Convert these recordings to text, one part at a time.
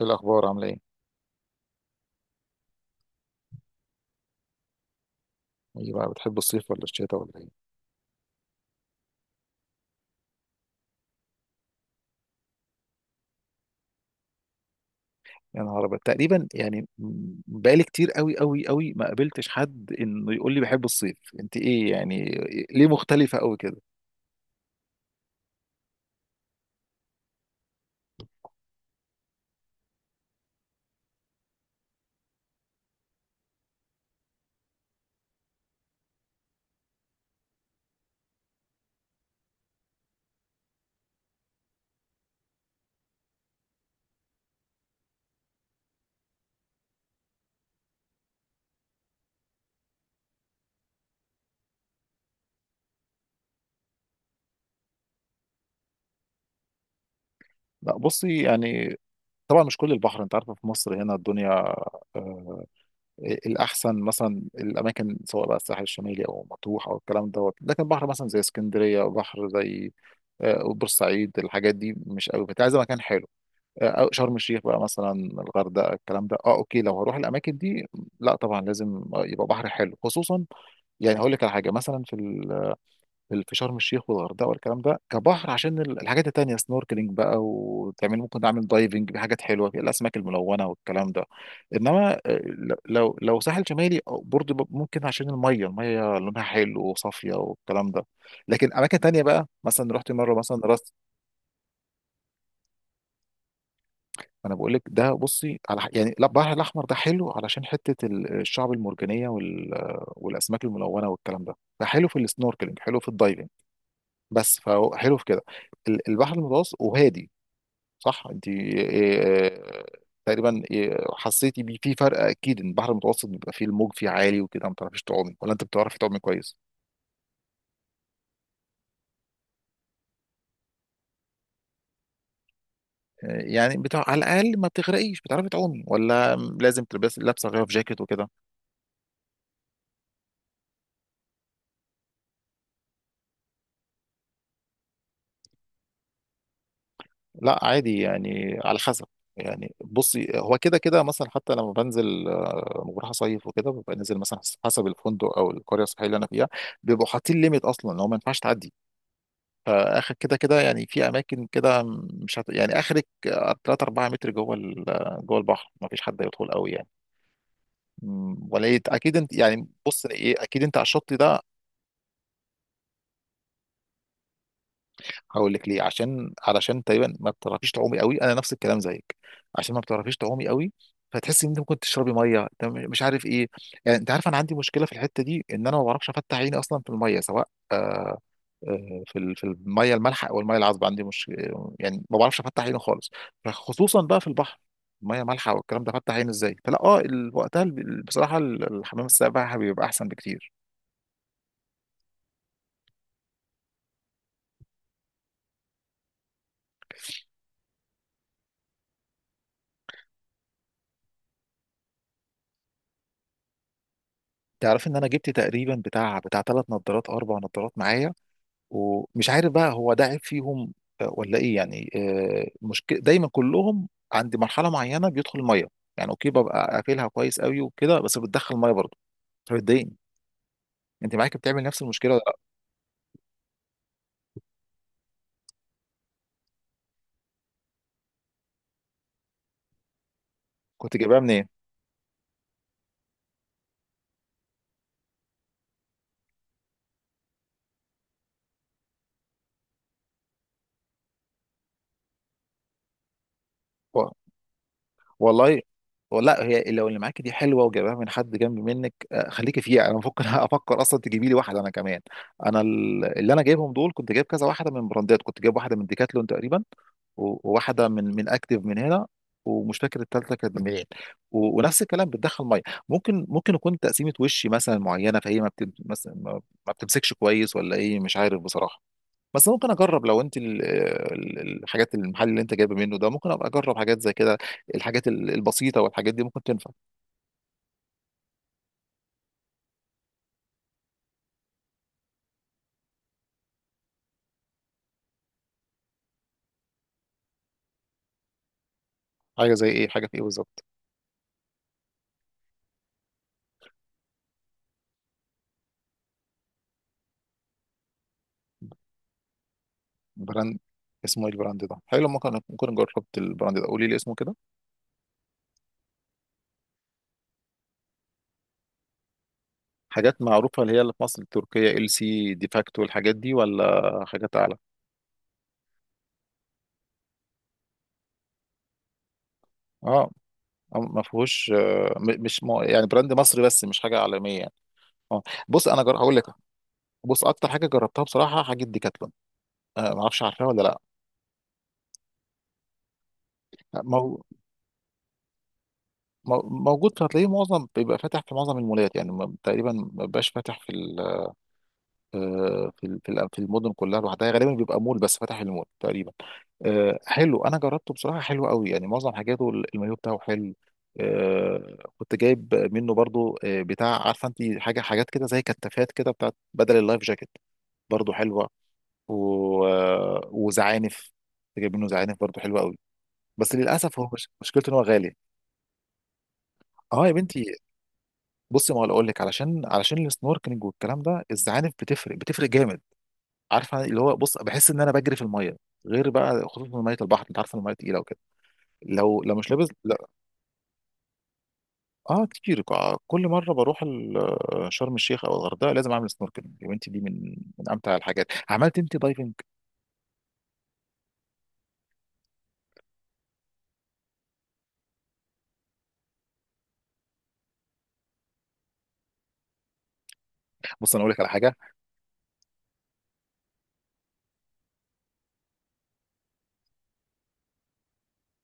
إيه الأخبار عاملة إيه؟ إيه بقى بتحب الصيف ولا الشتاء ولا إيه؟ يا نهار أبيض، تقريبا يعني بقالي كتير أوي ما قابلتش حد إنه يقول لي بحب الصيف. أنت إيه يعني ليه مختلفة أوي كده؟ لا بصي يعني طبعا مش كل البحر، أنت عارفة في مصر هنا الدنيا، آه، الأحسن مثلا الأماكن، سواء بقى الساحل الشمالي أو مطروح أو الكلام دوت، لكن بحر مثلا زي اسكندرية، بحر زي آه بورسعيد، الحاجات دي مش أوي، فأنت عايزة مكان حلو. أو شرم الشيخ بقى مثلا، الغردقه، الكلام ده. اه اوكي، لو هروح الاماكن دي لا طبعا لازم يبقى بحر حلو. خصوصا يعني هقول لك على حاجه، مثلا في في في شرم الشيخ والغردقه والكلام ده، كبحر، عشان الحاجات التانيه، سنوركلينج بقى، وتعمل ممكن تعمل دايفنج بحاجات حلوه، في الاسماك الملونه والكلام ده. انما لو ساحل شمالي أو برضه ممكن، عشان الميه، لونها حلو وصافيه والكلام ده. لكن اماكن تانيه بقى، مثلا رحت مره مثلا. انا بقول لك ده، بصي، على يعني لا، البحر الاحمر ده حلو علشان حته الشعب المرجانيه وال... والاسماك الملونه والكلام ده، ده حلو في السنوركلينج، حلو في الدايفنج، بس فهو حلو في كده. البحر المتوسط وهادي، صح؟ انت تقريبا حسيتي بيه في فرق؟ اكيد ان البحر المتوسط بيبقى فيه الموج فيه عالي وكده، ما بتعرفيش تعومي. ولا انت بتعرفي تعومي كويس؟ يعني بتاع على الاقل ما بتغرقيش، بتعرفي تعومي ولا لازم تلبسي لابسه غير في جاكيت وكده؟ لا عادي، يعني على حسب. يعني بصي هو كده كده، مثلا حتى لما بنزل لما بروح اصيف وكده، ببقى نازل مثلا حسب الفندق او القريه السياحيه اللي انا فيها، بيبقوا حاطين ليميت اصلا لو ما ينفعش تعدي. فاخر كده كده يعني، في اماكن كده مش هت... يعني اخرك 3 4 متر جوه جوه البحر، ما فيش حد يدخل قوي يعني. اكيد انت يعني، بص ايه، اكيد انت على الشط ده. هقول لك ليه، علشان تقريبا ما بتعرفيش تعومي قوي، انا نفس الكلام زيك، عشان ما بتعرفيش تعومي قوي، فتحسي ان انت ممكن تشربي ميه، انت مش عارف ايه. يعني انت عارف انا عندي مشكله في الحته دي، ان انا ما بعرفش افتح عيني اصلا في الميه، سواء في في الميه المالحه او الميه العذبه، عندي مش، يعني ما بعرفش افتح عيني خالص، فخصوصا بقى في البحر، ميه مالحه والكلام ده، فتح عيني ازاي؟ فلا وقتها بصراحه الحمام السباحه بيبقى احسن بكتير. تعرف ان انا جبت تقريبا بتاع ثلاث نظارات او اربع نظارات معايا، ومش عارف بقى هو ده عيب فيهم ولا ايه، يعني مشكله دايما كلهم عند مرحله معينه بيدخل الميه. يعني اوكي، ببقى قافلها كويس قوي وكده، بس بتدخل الميه برضه، فبتضايقني. انت معاك بتعمل نفس المشكله ولا لا؟ كنت جايبها منين؟ والله لا، هي لو اللي معاكي دي حلوه وجايبها من حد جنب منك، خليكي فيها، انا ممكن افكر اصلا تجيبي لي واحده انا كمان. انا اللي انا جايبهم دول، كنت جايب كذا واحده من براندات، كنت جايب واحده من ديكاتلون تقريبا، وواحده من اكتيف من هنا، ومش فاكر الثالثه كانت من منين، ونفس الكلام، بتدخل ميه. ممكن يكون تقسيمه وشي مثلا معينه، فهي ما بتمسكش كويس ولا ايه، مش عارف بصراحه. بس ممكن اجرب لو انت الحاجات، المحل اللي انت جايبه منه ده، ممكن ابقى اجرب حاجات زي كده، الحاجات البسيطه والحاجات دي ممكن تنفع. حاجه زي ايه؟ حاجه في ايه بالظبط؟ براند اسمه ايه البراند ده حلو؟ ممكن، جربت البراند ده قولي لي اسمه كده. حاجات معروفه، اللي هي اللي في مصر، التركيه ال سي ديفاكتو، الحاجات دي ولا حاجات اعلى؟ اه ما فيهوش آه، م- مش م- يعني براند مصري بس مش حاجه عالميه يعني. اه، بص انا هقول لك، بص اكتر حاجه جربتها بصراحه، حاجه ديكاتلون. آه، ما اعرفش، عارفها ولا لا؟ ما هو موجود، هتلاقيه معظم بيبقى فاتح في معظم المولات، يعني تقريبا ما بيبقاش فاتح في ال، في في المدن كلها لوحدها، غالبا بيبقى مول بس فاتح في المول تقريبا. حلو، انا جربته بصراحه، حلو قوي يعني، معظم حاجاته المايو بتاعه حلو. كنت جايب منه برضو بتاع، عارفه انت حاجه، حاجات كده زي كتافات كده بتاعت بدل اللايف جاكيت، برضو حلوه، و... وزعانف، كنت جايب منه زعانف برضو حلوه قوي، بس للاسف هو مش... مشكلته ان هو غالي. اه يا بنتي. بصي ما اقول لك، علشان السنوركلينج والكلام ده، الزعانف بتفرق جامد، عارفه، اللي هو بص بحس ان انا بجري في الميه، غير بقى خصوصا ميه البحر، انت عارفه الميه تقيله وكده، لو مش لابس، لا. اه كتير، كل مره بروح شرم الشيخ او الغردقه لازم اعمل سنوركلينج، يا بنتي دي من امتع الحاجات. عملت انت دايفنج؟ بص انا اقول لك على حاجه،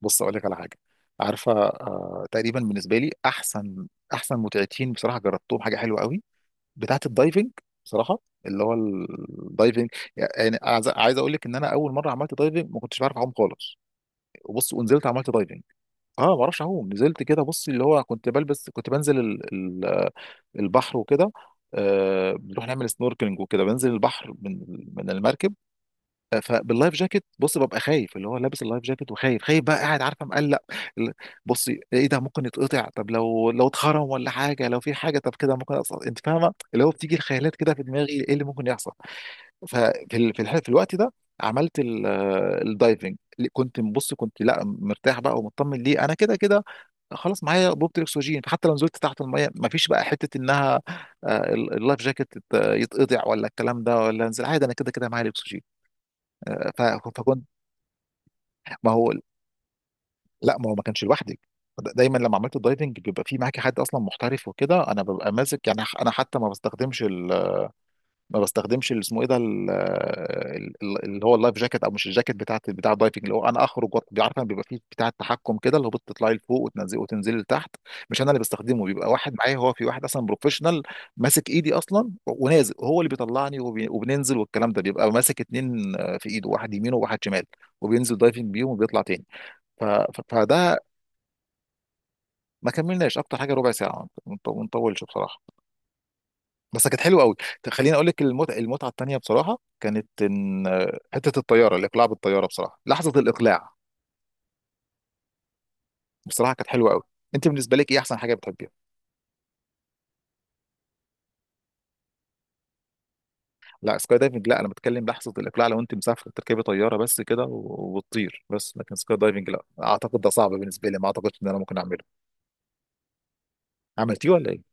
بص اقول لك على حاجه، عارفه آه، تقريبا بالنسبه لي احسن، احسن متعتين بصراحه جربتهم، حاجه حلوه قوي، بتاعه الدايفنج بصراحه، اللي هو الدايفنج. يعني عايز اقول لك ان انا اول مره عملت دايفنج ما كنتش بعرف اعوم خالص، وبص ونزلت عملت دايفنج. اه، ما اعرفش اعوم، نزلت كده بص، اللي هو كنت بلبس، كنت بنزل البحر وكده، آه، بنروح نعمل سنوركلينج وكده، بنزل البحر من المركب، فباللايف جاكيت بص، ببقى خايف، اللي هو لابس اللايف جاكيت، وخايف، بقى قاعد، عارفه، مقلق ال- بصي، ايه ده ممكن يتقطع، طب لو اتخرم، ولا حاجه، لو في حاجه، طب كده ممكن، أصلا انت فاهمه، اللي هو بتيجي الخيالات كده في دماغي، ايه اللي ممكن يحصل. ففي في الوقت ده عملت الدايفنج، كنت بص، كنت لا مرتاح بقى ومطمن، ليه؟ انا كده كده خلاص معايا بوبة الاكسجين، فحتى لو نزلت تحت الميه، ما فيش بقى حته انها اللايف جاكيت يتقطع ولا الكلام ده، ولا انزل عادي، انا كده كده معايا الاكسجين. آه، ف- فكنت، ما هو لا، ما هو ما كانش لوحدي. دايما لما عملت الدايفنج بيبقى في معاكي حد اصلا محترف وكده، انا ببقى ماسك، يعني انا حتى ما بستخدمش اللي اسمه ايه ده اللي هو اللايف جاكيت، او مش الجاكيت، بتاع الدايفنج، اللي هو انا اخرج عارفه بيبقى فيه بتاع التحكم كده، اللي هو بتطلعي لفوق، وتنزلي لتحت، مش انا اللي بستخدمه، بيبقى واحد معايا، هو في واحد اصلا بروفيشنال ماسك ايدي اصلا ونازل، هو اللي بيطلعني وبننزل والكلام ده، بيبقى ماسك اتنين في ايده، واحد يمين وواحد شمال، وبينزل دايفنج بيهم وبيطلع تاني. فده، ما كملناش اكتر حاجه، ربع ساعه، ما نطولش بصراحه، بس كانت حلوه قوي. خليني اقول لك المتعه، المتعه التانيه بصراحه كانت ان حته الطياره، الاقلاع بالطياره بصراحه، لحظه الاقلاع بصراحه كانت حلوه قوي. انت بالنسبه لك ايه احسن حاجه بتحبيها؟ لا سكاي دايفنج لا، انا بتكلم لحظه الاقلاع، لو انت مسافر تركبي طياره بس كده وتطير بس، لكن سكاي دايفنج لا اعتقد، ده صعب بالنسبه لي، ما اعتقدش ان انا ممكن اعمله. عملتيه ولا ايه؟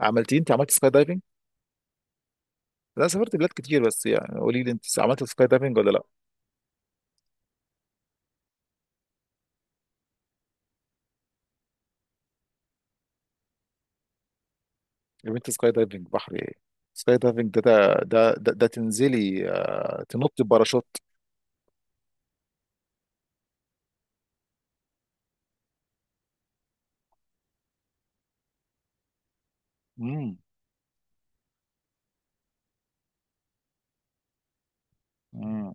عملتيه انت؟ عملت سكاي دايفنج؟ لا سافرت بلاد كتير، بس يعني قولي لي انت عملت سكاي دايفنج ولا لا؟ يا بنتي سكاي دايفنج بحر ايه؟ سكاي دايفنج ده ده تنزلي تنطي باراشوت. امم. امم.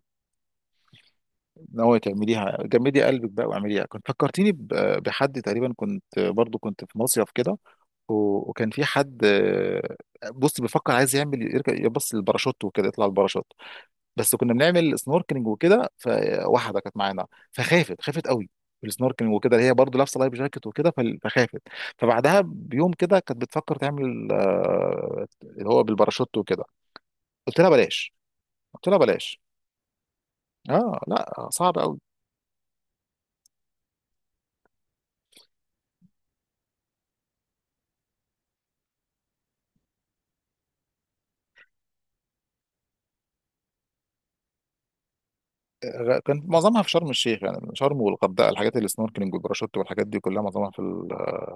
ناوية تعمليها؟ جمدي قلبك بقى واعمليها. كنت فكرتيني بحد، تقريبا كنت برضو كنت في مصيف كده، وكان في حد بص بيفكر، عايز يعمل يركب، يبص للباراشوت وكده، يطلع الباراشوت، بس كنا بنعمل سنوركلينج وكده، فواحده كانت معانا فخافت، خافت قوي في السنوركلينج وكده، هي برضو لابسه لايف جاكيت وكده، فخافت، فبعدها بيوم كده كانت بتفكر تعمل اللي هو بالباراشوت وكده. قلت لها بلاش. قلت لها بلاش. اه لا صعب قوي. كان معظمها في شرم الشيخ، يعني شرم والغردقه، الحاجات اللي السنوركلينج والباراشوت والحاجات دي كلها، معظمها في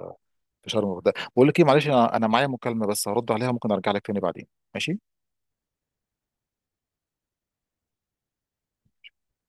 في شرم والغردقه. بقول لك ايه، معلش انا، انا معايا مكالمه بس هرد عليها، ممكن ارجع لك تاني بعدين؟ ماشي.